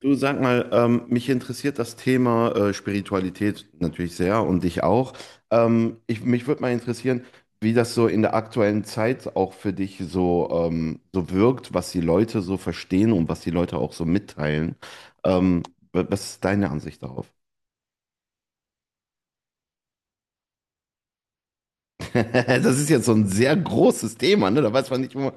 Du sag mal, mich interessiert das Thema Spiritualität natürlich sehr und dich auch. Ich, mich würde mal interessieren, wie das so in der aktuellen Zeit auch für dich so, so wirkt, was die Leute so verstehen und was die Leute auch so mitteilen. Ähm, Was ist deine Ansicht darauf? Das ist jetzt so ein sehr großes Thema, ne? Da weiß man nicht immer.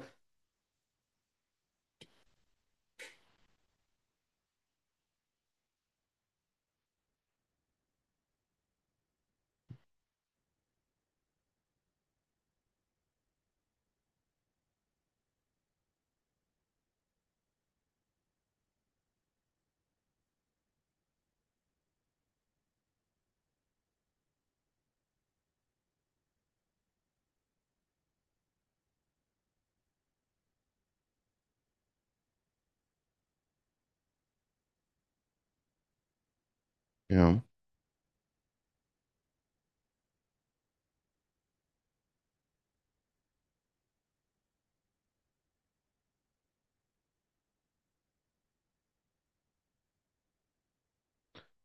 Ja.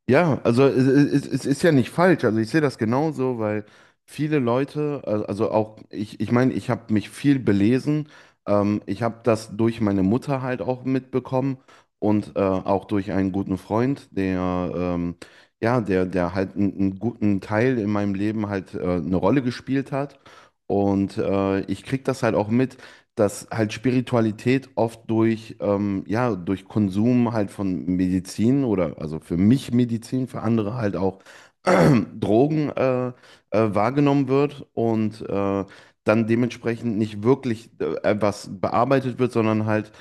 Ja, also es ist ja nicht falsch. Also ich sehe das genauso, weil viele Leute, also auch ich meine, ich habe mich viel belesen. Ich habe das durch meine Mutter halt auch mitbekommen und auch durch einen guten Freund, der halt einen guten Teil in meinem Leben halt eine Rolle gespielt hat. Und ich krieg das halt auch mit, dass halt Spiritualität oft durch, durch Konsum halt von Medizin, oder also für mich Medizin, für andere halt auch Drogen wahrgenommen wird, und dann dementsprechend nicht wirklich etwas bearbeitet wird, sondern halt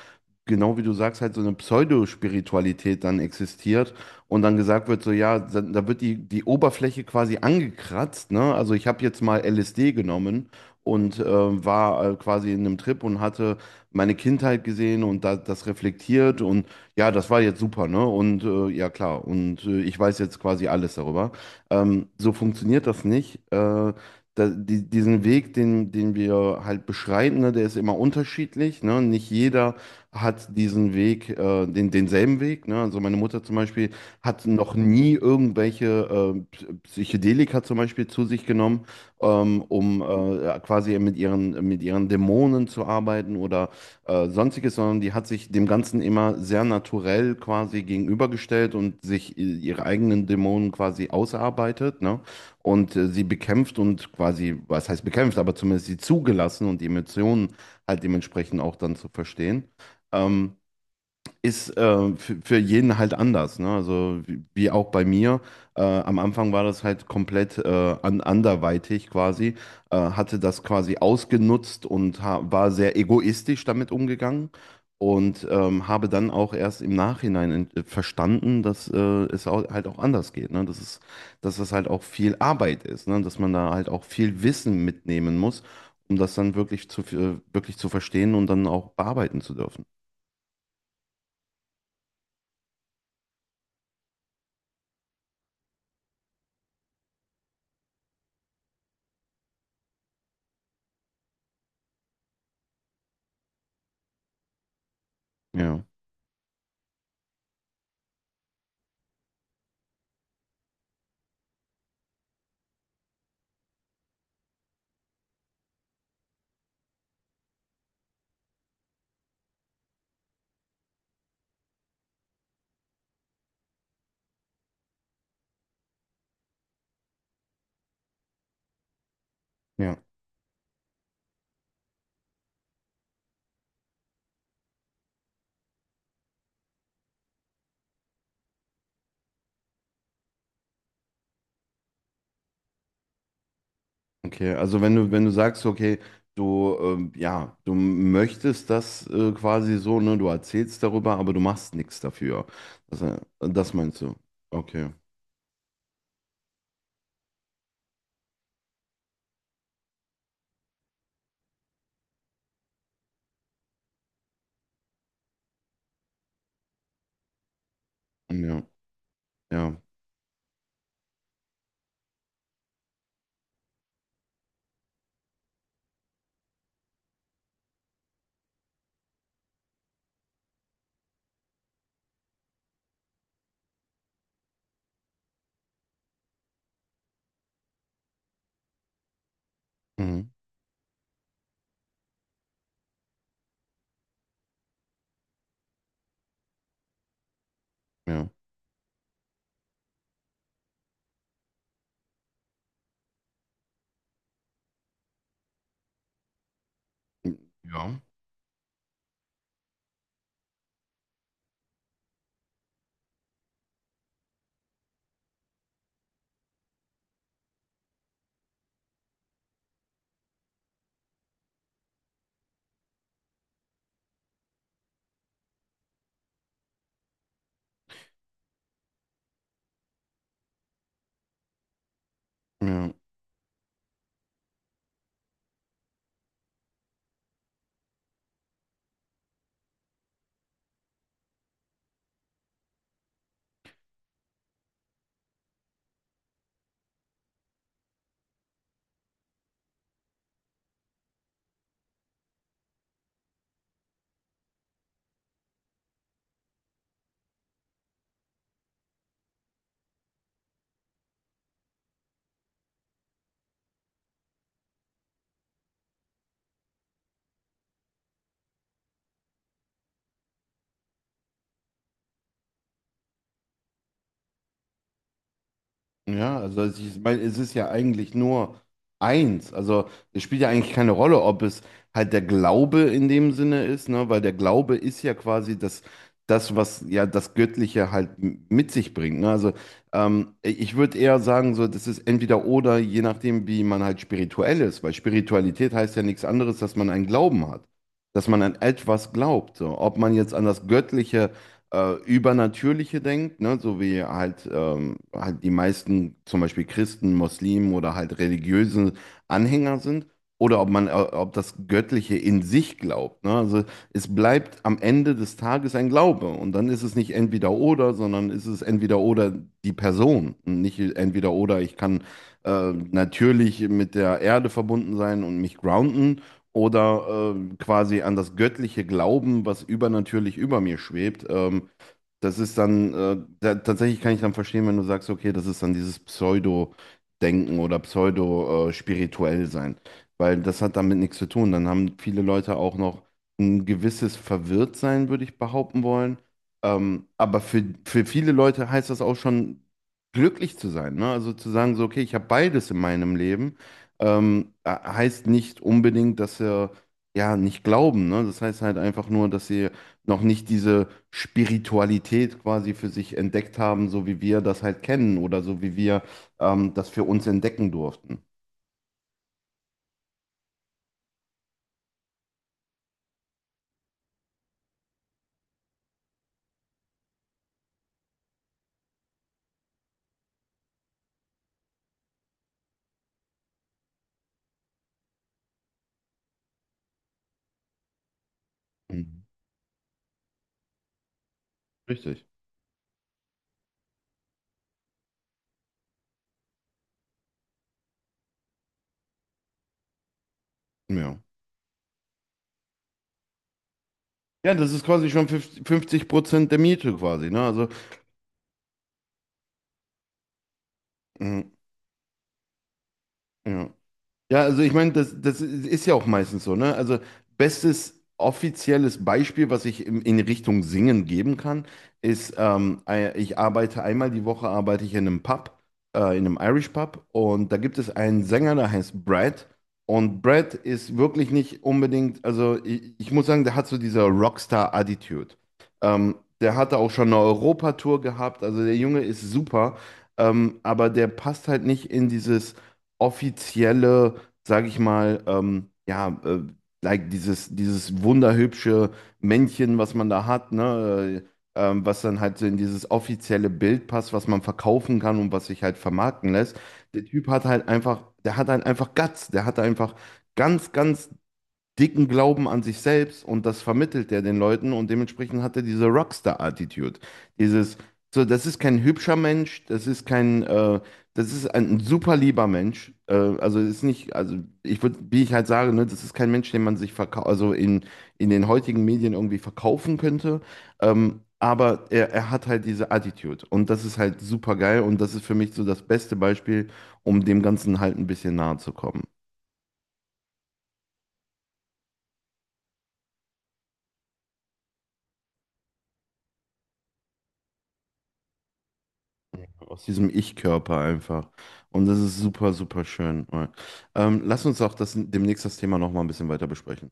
genau wie du sagst, halt so eine Pseudospiritualität dann existiert und dann gesagt wird, so ja, da wird die Oberfläche quasi angekratzt, ne? Also ich habe jetzt mal LSD genommen und war quasi in einem Trip und hatte meine Kindheit gesehen und da, das reflektiert, und ja, das war jetzt super, ne? Und ja, klar, und ich weiß jetzt quasi alles darüber. So funktioniert das nicht. Diesen Weg, den wir halt beschreiten, ne, der ist immer unterschiedlich. Ne? Nicht jeder hat diesen Weg, denselben Weg. Ne? Also meine Mutter zum Beispiel hat noch nie irgendwelche Psychedelika zum Beispiel zu sich genommen, um quasi mit mit ihren Dämonen zu arbeiten oder sonstiges, sondern die hat sich dem Ganzen immer sehr naturell quasi gegenübergestellt und sich ihre eigenen Dämonen quasi ausarbeitet, ne? Und sie bekämpft und quasi, was heißt bekämpft, aber zumindest sie zugelassen und die Emotionen halt dementsprechend auch dann zu verstehen, ähm, ist für jeden halt anders. Ne? Also wie, wie auch bei mir. Am Anfang war das halt komplett anderweitig quasi, hatte das quasi ausgenutzt und ha war sehr egoistisch damit umgegangen, und habe dann auch erst im Nachhinein verstanden, dass halt auch anders geht. Ne? Dass es halt auch viel Arbeit ist, ne? Dass man da halt auch viel Wissen mitnehmen muss, um das dann wirklich zu verstehen und dann auch bearbeiten zu dürfen. Ja. Ja, okay. Also wenn du, wenn du sagst, okay, du, du möchtest das quasi so, ne, du erzählst darüber, aber du machst nichts dafür. Das, das meinst du? Okay. Ja, ja. Mhm. Ja. Ja. Ja. Ja, also ich meine, es ist ja eigentlich nur eins. Also es spielt ja eigentlich keine Rolle, ob es halt der Glaube in dem Sinne ist, ne? Weil der Glaube ist ja quasi das, das, was ja das Göttliche halt mit sich bringt. Ne? Also ich würde eher sagen, so, das ist entweder oder, je nachdem, wie man halt spirituell ist, weil Spiritualität heißt ja nichts anderes, dass man einen Glauben hat. Dass man an etwas glaubt. So. Ob man jetzt an das Göttliche Übernatürliche denkt, ne? So wie halt, halt die meisten zum Beispiel Christen, Muslimen oder halt religiöse Anhänger sind, oder ob man, ob das Göttliche in sich glaubt, ne? Also es bleibt am Ende des Tages ein Glaube, und dann ist es nicht entweder oder, sondern ist es entweder oder die Person, und nicht entweder oder. Ich kann natürlich mit der Erde verbunden sein und mich grounden oder quasi an das Göttliche glauben, was übernatürlich über mir schwebt. Das ist dann, tatsächlich kann ich dann verstehen, wenn du sagst, okay, das ist dann dieses Pseudo-Denken oder Pseudo-spirituell sein, weil das hat damit nichts zu tun. Dann haben viele Leute auch noch ein gewisses Verwirrtsein, würde ich behaupten wollen. Aber für viele Leute heißt das auch schon, glücklich zu sein, ne? Also zu sagen, so, okay, ich habe beides in meinem Leben, heißt nicht unbedingt, dass sie ja nicht glauben, ne? Das heißt halt einfach nur, dass sie noch nicht diese Spiritualität quasi für sich entdeckt haben, so wie wir das halt kennen, oder so wie wir das für uns entdecken durften. Mhm. Richtig. Ja. Ja, das ist quasi schon 50% der Miete quasi, ne? Also, mhm, ja. Ja, also ich meine, das, das ist ja auch meistens so, ne? Also bestes offizielles Beispiel, was ich in Richtung Singen geben kann, ist, ich arbeite einmal die Woche, arbeite ich in einem Pub, in einem Irish Pub, und da gibt es einen Sänger, der heißt Brad, und Brad ist wirklich nicht unbedingt, also ich muss sagen, der hat so diese Rockstar-Attitude. Ähm, Der hatte auch schon eine Europatour gehabt, also der Junge ist super, aber der passt halt nicht in dieses offizielle, sage ich mal, like dieses wunderhübsche Männchen, was man da hat, ne? Was dann halt so in dieses offizielle Bild passt, was man verkaufen kann und was sich halt vermarkten lässt. Der Typ hat halt einfach, der hat halt einfach Guts, der hat einfach ganz, ganz dicken Glauben an sich selbst, und das vermittelt er den Leuten, und dementsprechend hat er diese Rockstar-Attitude. Dieses, so, das ist kein hübscher Mensch, das ist kein, das ist ein super lieber Mensch. Also ist nicht, also ich würde, wie ich halt sage, ne, das ist kein Mensch, den man sich verkau also in den heutigen Medien irgendwie verkaufen könnte. Aber er hat halt diese Attitude, und das ist halt super geil, und das ist für mich so das beste Beispiel, um dem Ganzen halt ein bisschen nahe zu kommen. Aus diesem Ich-Körper einfach. Und das ist super, super schön. Lass uns auch das, demnächst das Thema nochmal ein bisschen weiter besprechen.